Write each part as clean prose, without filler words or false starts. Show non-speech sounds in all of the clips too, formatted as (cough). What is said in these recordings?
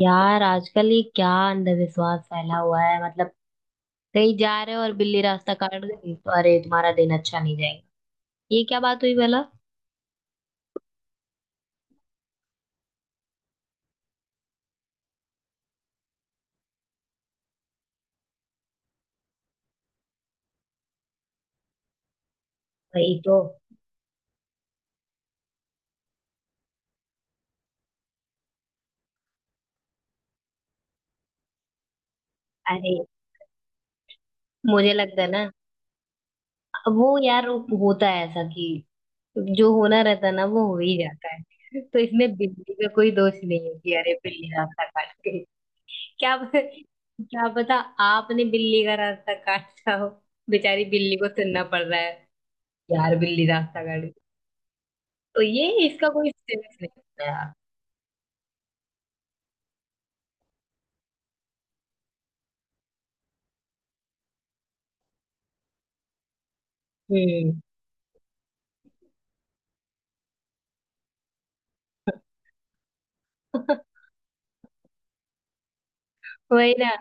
यार आजकल ये क्या अंधविश्वास फैला हुआ है मतलब। कहीं जा रहे हो और बिल्ली रास्ता काट गई तो अरे तुम्हारा दिन अच्छा नहीं जाएगा। ये क्या बात हुई भला। वही तो। अरे मुझे लगता है ना, वो यार वो होता है ऐसा कि जो होना रहता है ना वो हो ही जाता है। (laughs) तो इसमें बिल्ली का कोई दोष नहीं है कि अरे बिल्ली रास्ता काट गई। (laughs) क्या प- क्या पता, आपने बिल्ली का रास्ता काटा हो। बेचारी बिल्ली को सुनना पड़ रहा है। यार बिल्ली रास्ता काट गई तो ये इसका कोई सेंस नहीं होता यार। हम्म। (laughs) वही ना।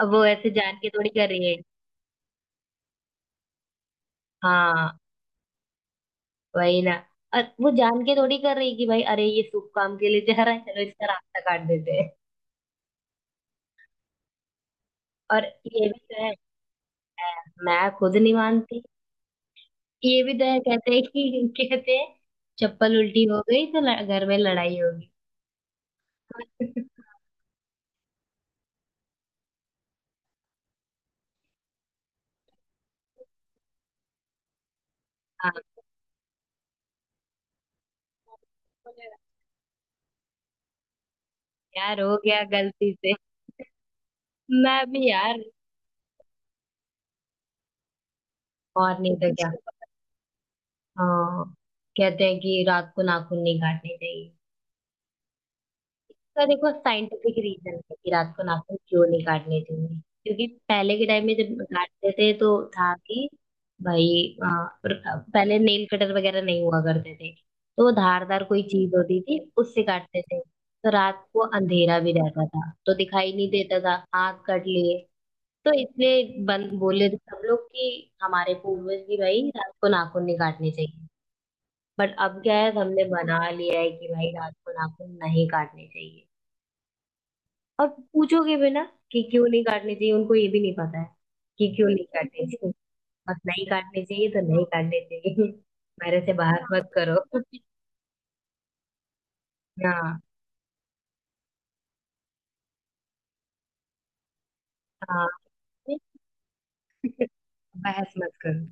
अब वो ऐसे जान के थोड़ी कर रही है। हाँ वही ना। और वो जान के थोड़ी कर रही है कि भाई अरे ये शुभ काम के लिए जा रहा है, चलो इसका रास्ता काट देते हैं। और ये भी तो है। मैं खुद नहीं मानती। ये भी तो है, कहते हैं कि (laughs) कहते हैं चप्पल उल्टी हो गई तो घर में लड़ाई होगी। (laughs) हाँ यार हो गया गलती से। मैं भी यार। और नहीं तो क्या। हाँ, कहते हैं कि रात को नाखून नहीं काटने चाहिए, तो देखो साइंटिफिक रीजन है कि रात को नाखून क्यों नहीं काटने चाहिए। क्योंकि पहले के टाइम में जब काटते थे तो था कि भाई आ, पर- पहले नेल कटर वगैरह नहीं हुआ करते थे, तो वो धारदार कोई चीज होती थी उससे काटते थे, तो रात को अंधेरा भी रहता था तो दिखाई नहीं देता था। आग कट लिए, तो इसलिए बन बोले सब लोग कि हमारे पूर्वज भी भाई रात को नाखून नहीं काटने चाहिए। बट अब क्या है, हमने बना लिया है कि भाई रात को नाखून नहीं काटने चाहिए। और पूछोगे भी ना कि क्यों नहीं काटने चाहिए, उनको ये भी नहीं पता है कि क्यों नहीं काटने चाहिए। बस नहीं काटने चाहिए तो नहीं काटने चाहिए। (laughs) मेरे से बहस मत करो। (laughs) हाँ हाँ बहस मत करो।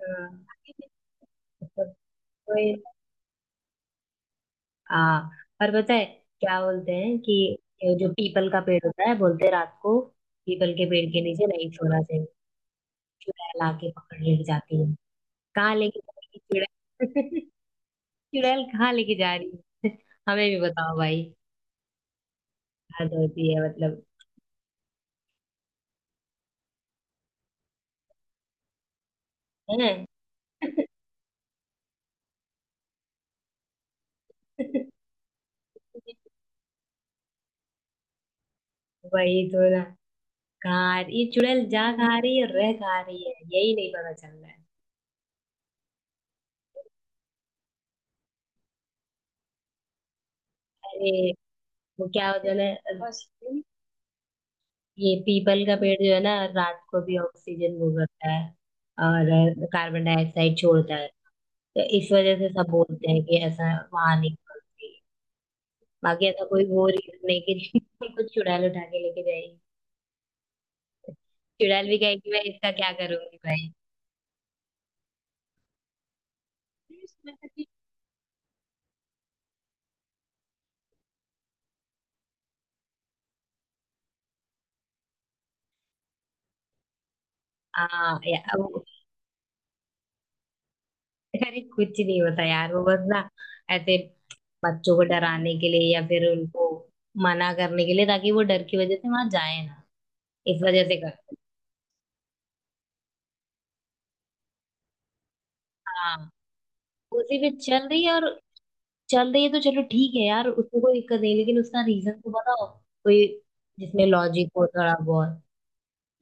हाँ। कोई- हाँ, और पता है क्या बोलते हैं कि ये जो पीपल का पेड़ होता है, बोलते हैं रात को पीपल के पेड़ के नीचे नहीं सोना चाहिए, चुड़ैल आके पकड़ ले जाती है। कहाँ लेके जा रही है चुड़ैल। (laughs) चुड़ैल कहाँ लेके जा रही है। (laughs) हमें भी बताओ भाई। हद होती है मतलब। है ना? (laughs) वही तो ना। कहाँ ये चुड़ैल जा कहाँ रही है और रह कहाँ रही है, यही नहीं पता चल रहा है। अरे वो क्या होता है ना बस, ये पीपल का पेड़ जो है ना, रात को भी ऑक्सीजन वो करता है और कार्बन डाइऑक्साइड छोड़ता है, तो इस वजह से सब बोलते हैं कि ऐसा वहां नहीं करती। बाकी ऐसा कोई वो रीजन नहीं कि (laughs) कुछ चुड़ैल उठा के लेके जाएगी। चुड़ैल भी कहेगी मैं इसका क्या करूंगी भाई। हाँ यार वो- अरे कुछ नहीं होता यार, वो बस ना ऐसे बच्चों को डराने के लिए या फिर उनको मना करने के लिए, ताकि वो डर की वजह से वहां जाए ना, इस वजह से करते हैं। हाँ उसी पे चल रही है, और चल रही है तो चलो ठीक है यार, उसमें कोई दिक्कत नहीं, लेकिन उसका रीजन तो बताओ, कोई जिसमें लॉजिक हो थोड़ा बहुत।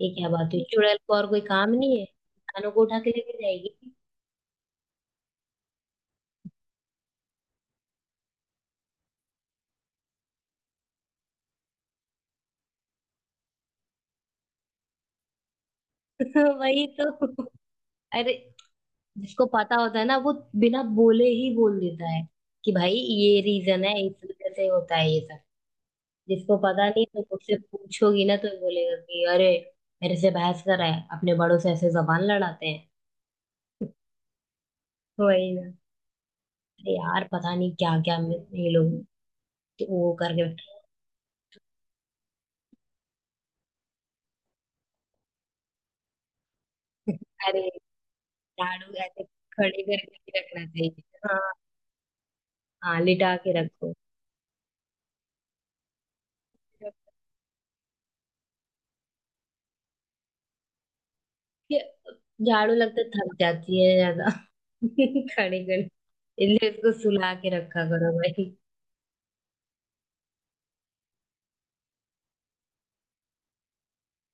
ये क्या बात हुई, चुड़ैल को और कोई काम नहीं है, इंसानों को उठा के लेके जाएगी। (laughs) वही तो। अरे जिसको पता होता है ना वो बिना बोले ही बोल देता है कि भाई ये रीजन है, इस वजह से होता है ये सब। जिसको पता नहीं तो मुझसे पूछोगी ना तो बोलेगा कि अरे मेरे से बहस कर रहा है, अपने बड़ों से ऐसे जबान लड़ाते हैं। वही ना। अरे यार पता नहीं क्या क्या ये लोग तो वो करके रखे हैं। (laughs) अरे झाड़ू ऐसे खड़े करके नहीं रखना चाहिए हाँ। हाँ लिटा के रखो। झाड़ू लगता है थक जाती है ज्यादा। (laughs) खड़े खड़े, इसलिए उसको सुला के रखा करो भाई।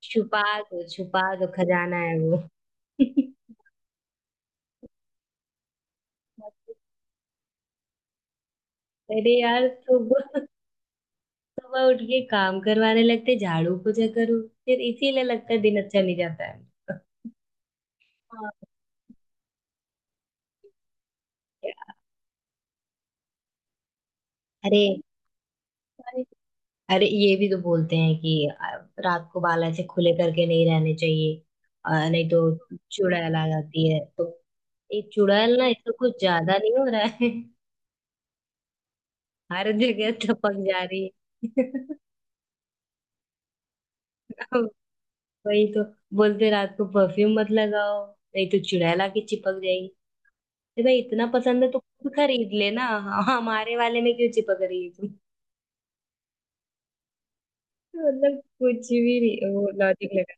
छुपा दो छुपा दो, खजाना है वो। (laughs) अरे यार सुबह सुबह उठ के काम करवाने लगते, झाड़ू पोछा करो, फिर इसीलिए लगता है दिन अच्छा नहीं जाता है। हाँ। (laughs) अरे अरे अरे ये भी तो बोलते हैं कि रात को बाल ऐसे खुले करके नहीं रहने चाहिए, नहीं तो चुड़ैल आ जाती है तो। ये चुड़ैल ना इसको कुछ ज्यादा नहीं हो रहा है। (laughs) हर जगह टपक जा रही है। (laughs) वही तो। बोलते हैं, रात को परफ्यूम मत लगाओ, नहीं तो चुड़ैल आके चिपक जाएगी। अरे भाई इतना पसंद है तो खुद खरीद लेना हाँ, हमारे वाले में क्यों चिपक रही है तुम। (laughs) मतलब कुछ भी नहीं वो लॉजिक लगा।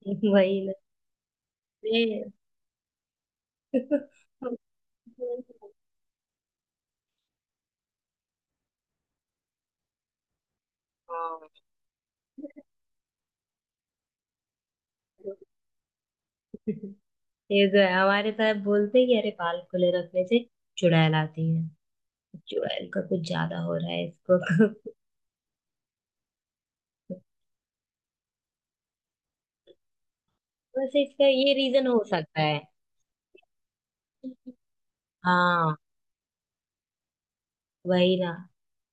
(laughs) वही ना। हाँ, ये जो है हमारे साहब बोलते हैं कि अरे बाल खुले रखने से चुड़ैल आती है। चुड़ैल का कुछ ज्यादा हो रहा है इसको। वैसे इसका ये रीजन हो सकता है। हाँ वही ना।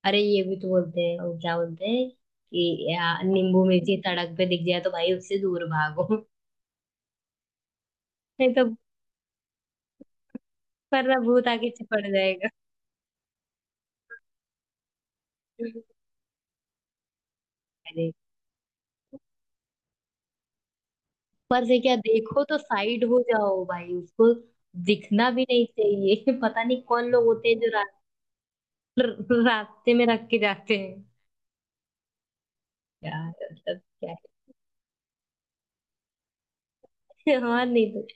अरे ये भी तो बोलते हैं, वो क्या बोलते हैं कि नींबू मिर्ची सड़क पे दिख जाए तो भाई उससे दूर भागो, नहीं तो वरना भूत आके चिपट जाएगा। अरे ऊपर से क्या, देखो तो साइड हो जाओ भाई उसको, दिखना भी नहीं चाहिए। (laughs) पता नहीं कौन लोग होते हैं जो रास्ते में रख के जाते हैं। यार मतलब क्या है। (laughs) हाँ नहीं तो।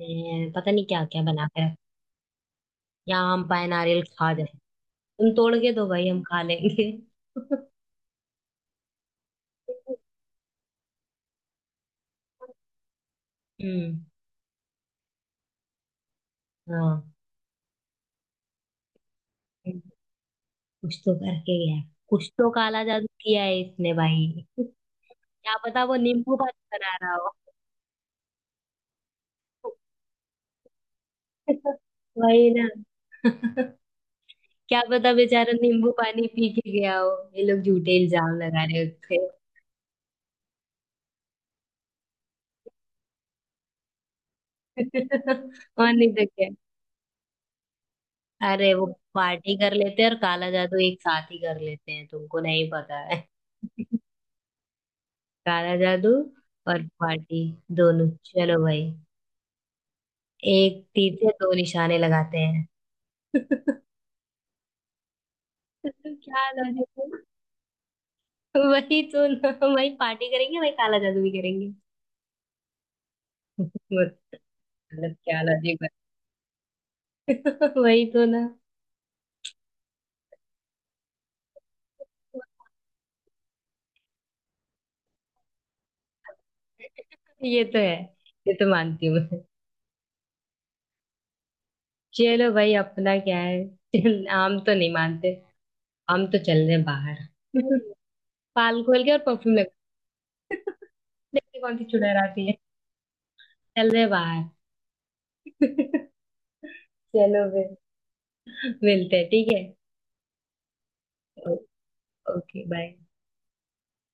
पता नहीं क्या क्या बना के रख, या आम पाए नारियल खा जाए, तुम तोड़ के दो भाई हम खा लेंगे। (laughs) हम्म हाँ, कुछ तो करके गया है। कुछ तो काला जादू किया है इसने भाई। क्या पता वो नींबू पानी बना रहा हो। (laughs) वही ना। क्या पता बेचारा नींबू पानी पी के गया हो। ये लोग झूठे इल्जाम लगा रहे होते हैं। (laughs) और नहीं तो क्या। अरे वो पार्टी कर लेते हैं और काला जादू एक साथ ही कर लेते हैं, तुमको नहीं पता है। (laughs) काला जादू और पार्टी दोनों, चलो भाई एक तीर से दो निशाने लगाते हैं। (laughs) क्या लॉजिक है। वही तो ना। वही पार्टी करेंगे वही काला जादू भी करेंगे। (laughs) मतलब क्या लॉजिक है। (laughs) वही तो ना। ये तो है। ये तो मानती हूँ मैं। चलो भाई अपना क्या है। (laughs) चल, हम तो नहीं मानते। हम तो चल रहे हैं बाहर। (laughs) बाल खोल के और परफ्यूम लगा। (laughs) देखते कौन सी चुड़ैल आती है। चल रहे हैं बाहर। (laughs) चलो फिर मिलते हैं ठीक है। ओ- ओके बाय।